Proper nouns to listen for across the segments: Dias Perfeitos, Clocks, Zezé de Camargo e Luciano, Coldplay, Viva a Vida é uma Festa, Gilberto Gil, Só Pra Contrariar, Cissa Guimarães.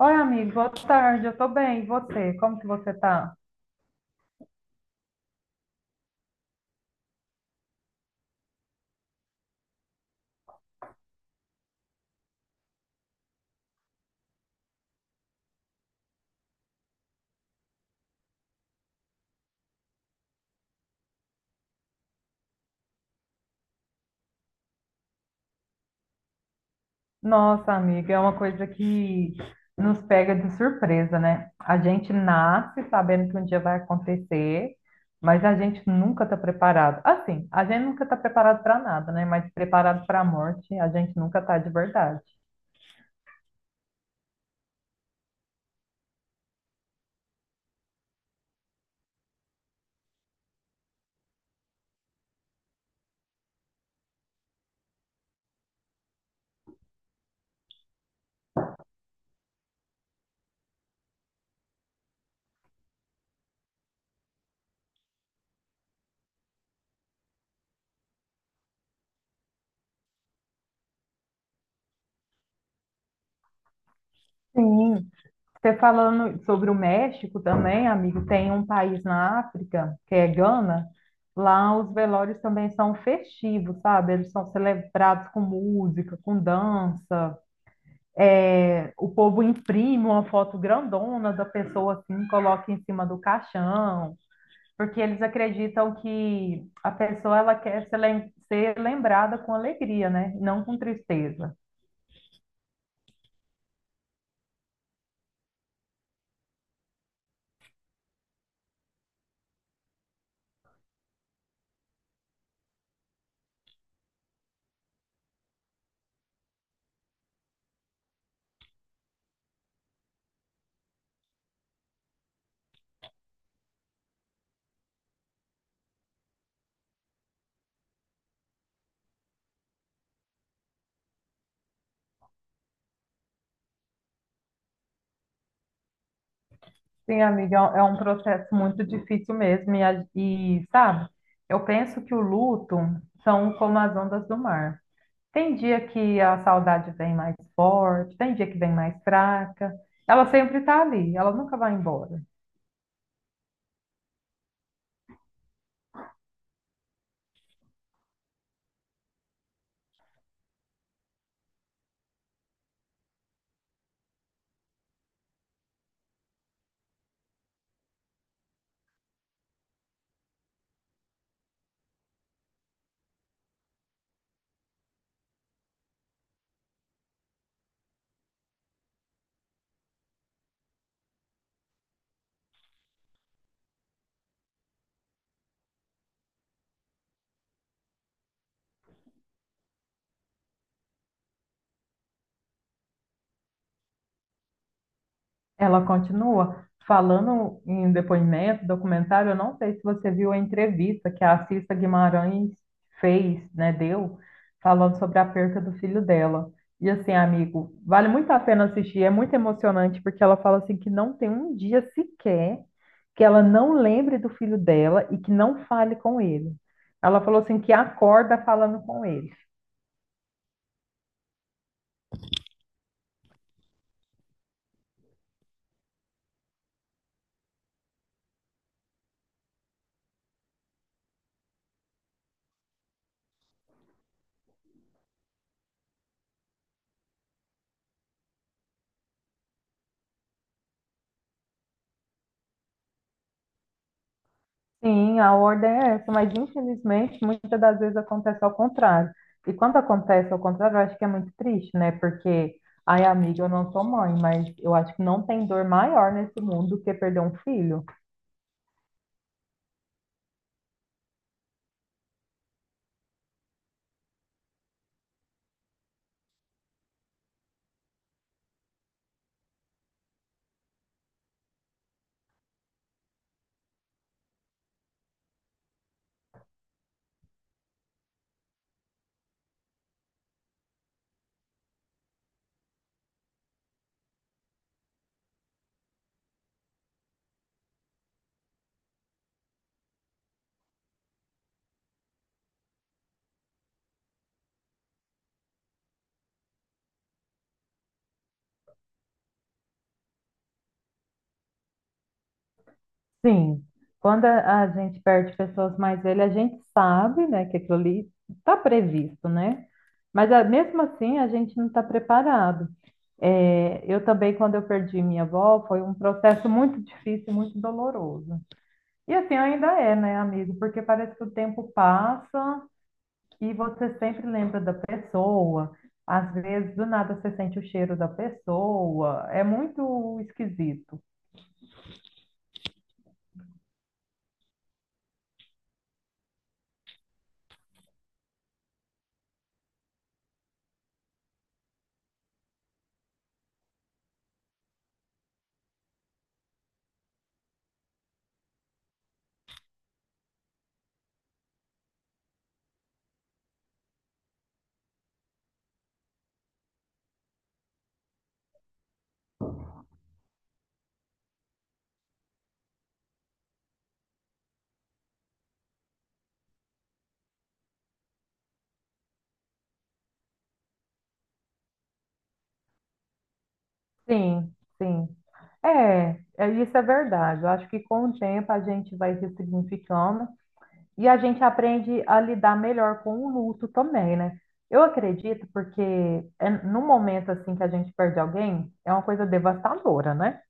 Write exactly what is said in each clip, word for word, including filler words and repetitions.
Oi, amigo, boa tarde, eu tô bem, e você? Como que você tá? Nossa, amiga, é uma coisa que nos pega de surpresa, né? A gente nasce sabendo que um dia vai acontecer, mas a gente nunca está preparado. Assim, a gente nunca está preparado para nada, né? Mas preparado para a morte, a gente nunca está de verdade. Sim. Você falando sobre o México também, amigo, tem um país na África, que é Gana. Lá os velórios também são festivos, sabe? Eles são celebrados com música, com dança. É, o povo imprime uma foto grandona da pessoa assim, coloca em cima do caixão, porque eles acreditam que a pessoa ela quer ser lem- ser lembrada com alegria, né? Não com tristeza. Sim, amiga, é um é um processo muito difícil mesmo. E, a- e, sabe, eu penso que o luto são como as ondas do mar. Tem dia que a saudade vem mais forte, tem dia que vem mais fraca. Ela sempre está ali, ela nunca vai embora. Ela continua falando em depoimento, documentário. Eu não sei se você viu a entrevista que a Cissa Guimarães fez, né, deu, falando sobre a perca do filho dela. E assim, amigo, vale muito a pena assistir. É muito emocionante porque ela fala assim que não tem um dia sequer que ela não lembre do filho dela e que não fale com ele. Ela falou assim que acorda falando com ele. Sim, a ordem é essa, mas infelizmente muitas das vezes acontece ao contrário. E quando acontece ao contrário, eu acho que é muito triste, né? Porque, ai, amiga, eu não sou mãe, mas eu acho que não tem dor maior nesse mundo do que perder um filho. Sim, quando a, a gente perde pessoas mais velhas, a gente sabe, né, que aquilo ali está previsto, né? Mas ah, mesmo assim, a gente não está preparado. É, eu também, quando eu perdi minha avó, foi um processo muito difícil, e muito doloroso. E assim ainda é, né, amigo? Porque parece que o tempo passa e você sempre lembra da pessoa. Às vezes, do nada, você sente o cheiro da pessoa. É muito esquisito. Sim, sim. É, é, isso é verdade. Eu acho que com o tempo a gente vai se significando e a gente aprende a lidar melhor com o luto também, né? Eu acredito porque é, no momento assim que a gente perde alguém, é uma coisa devastadora, né?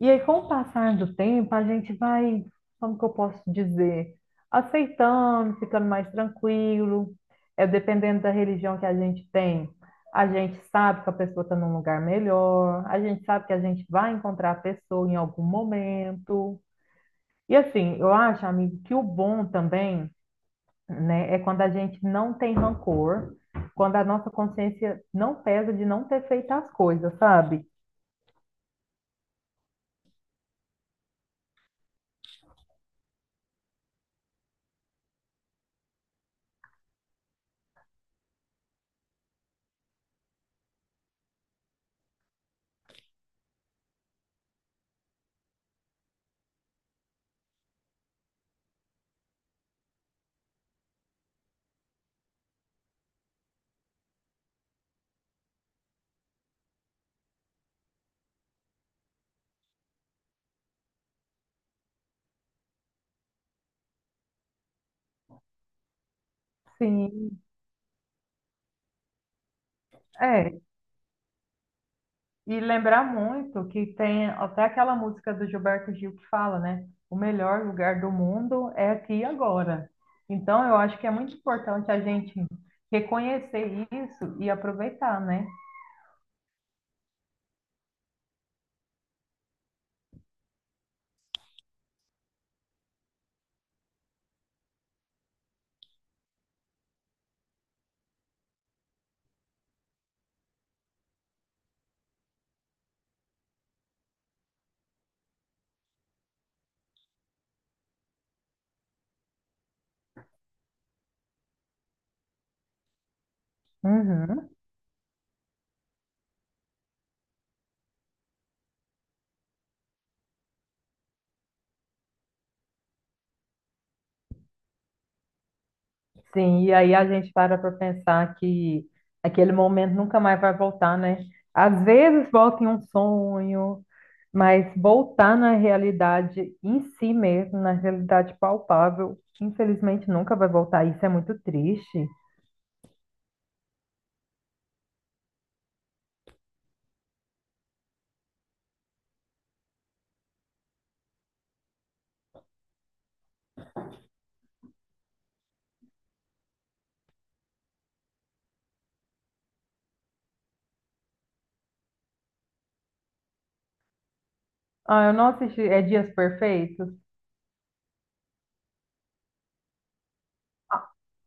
E aí, com o passar do tempo, a gente vai, como que eu posso dizer, aceitando, ficando mais tranquilo. É dependendo da religião que a gente tem, a gente sabe que a pessoa está num lugar melhor, a gente sabe que a gente vai encontrar a pessoa em algum momento. E assim, eu acho, amigo, que o bom também, né, é quando a gente não tem rancor, quando a nossa consciência não pesa de não ter feito as coisas, sabe? Sim, e lembrar muito que tem até aquela música do Gilberto Gil que fala, né? O melhor lugar do mundo é aqui e agora. Então, eu acho que é muito importante a gente reconhecer isso e aproveitar, né? Uhum. Sim, e aí a gente para para pensar que aquele momento nunca mais vai voltar, né? Às vezes volta em um sonho, mas voltar na realidade em si mesmo, na realidade palpável, infelizmente nunca vai voltar. Isso é muito triste. Ah, eu não assisti. É Dias Perfeitos?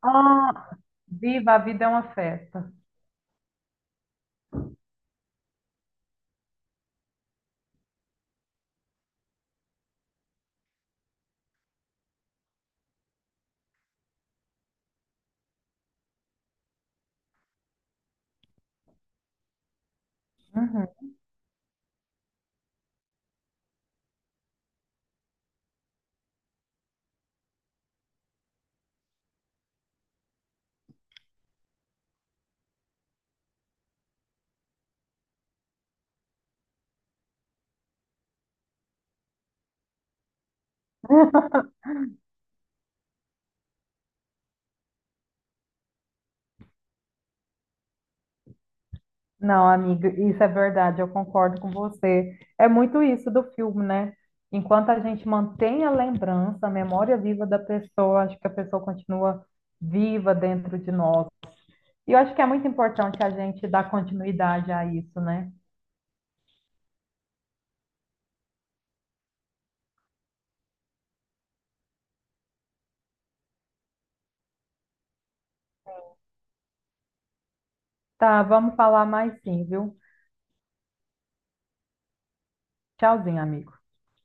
Ah, Viva a Vida é uma Festa. Não, amiga, isso é verdade, eu concordo com você. É muito isso do filme, né? Enquanto a gente mantém a lembrança, a memória viva da pessoa, acho que a pessoa continua viva dentro de nós. E eu acho que é muito importante a gente dar continuidade a isso, né? Tá, vamos falar mais sim, viu? Tchauzinho, amigo.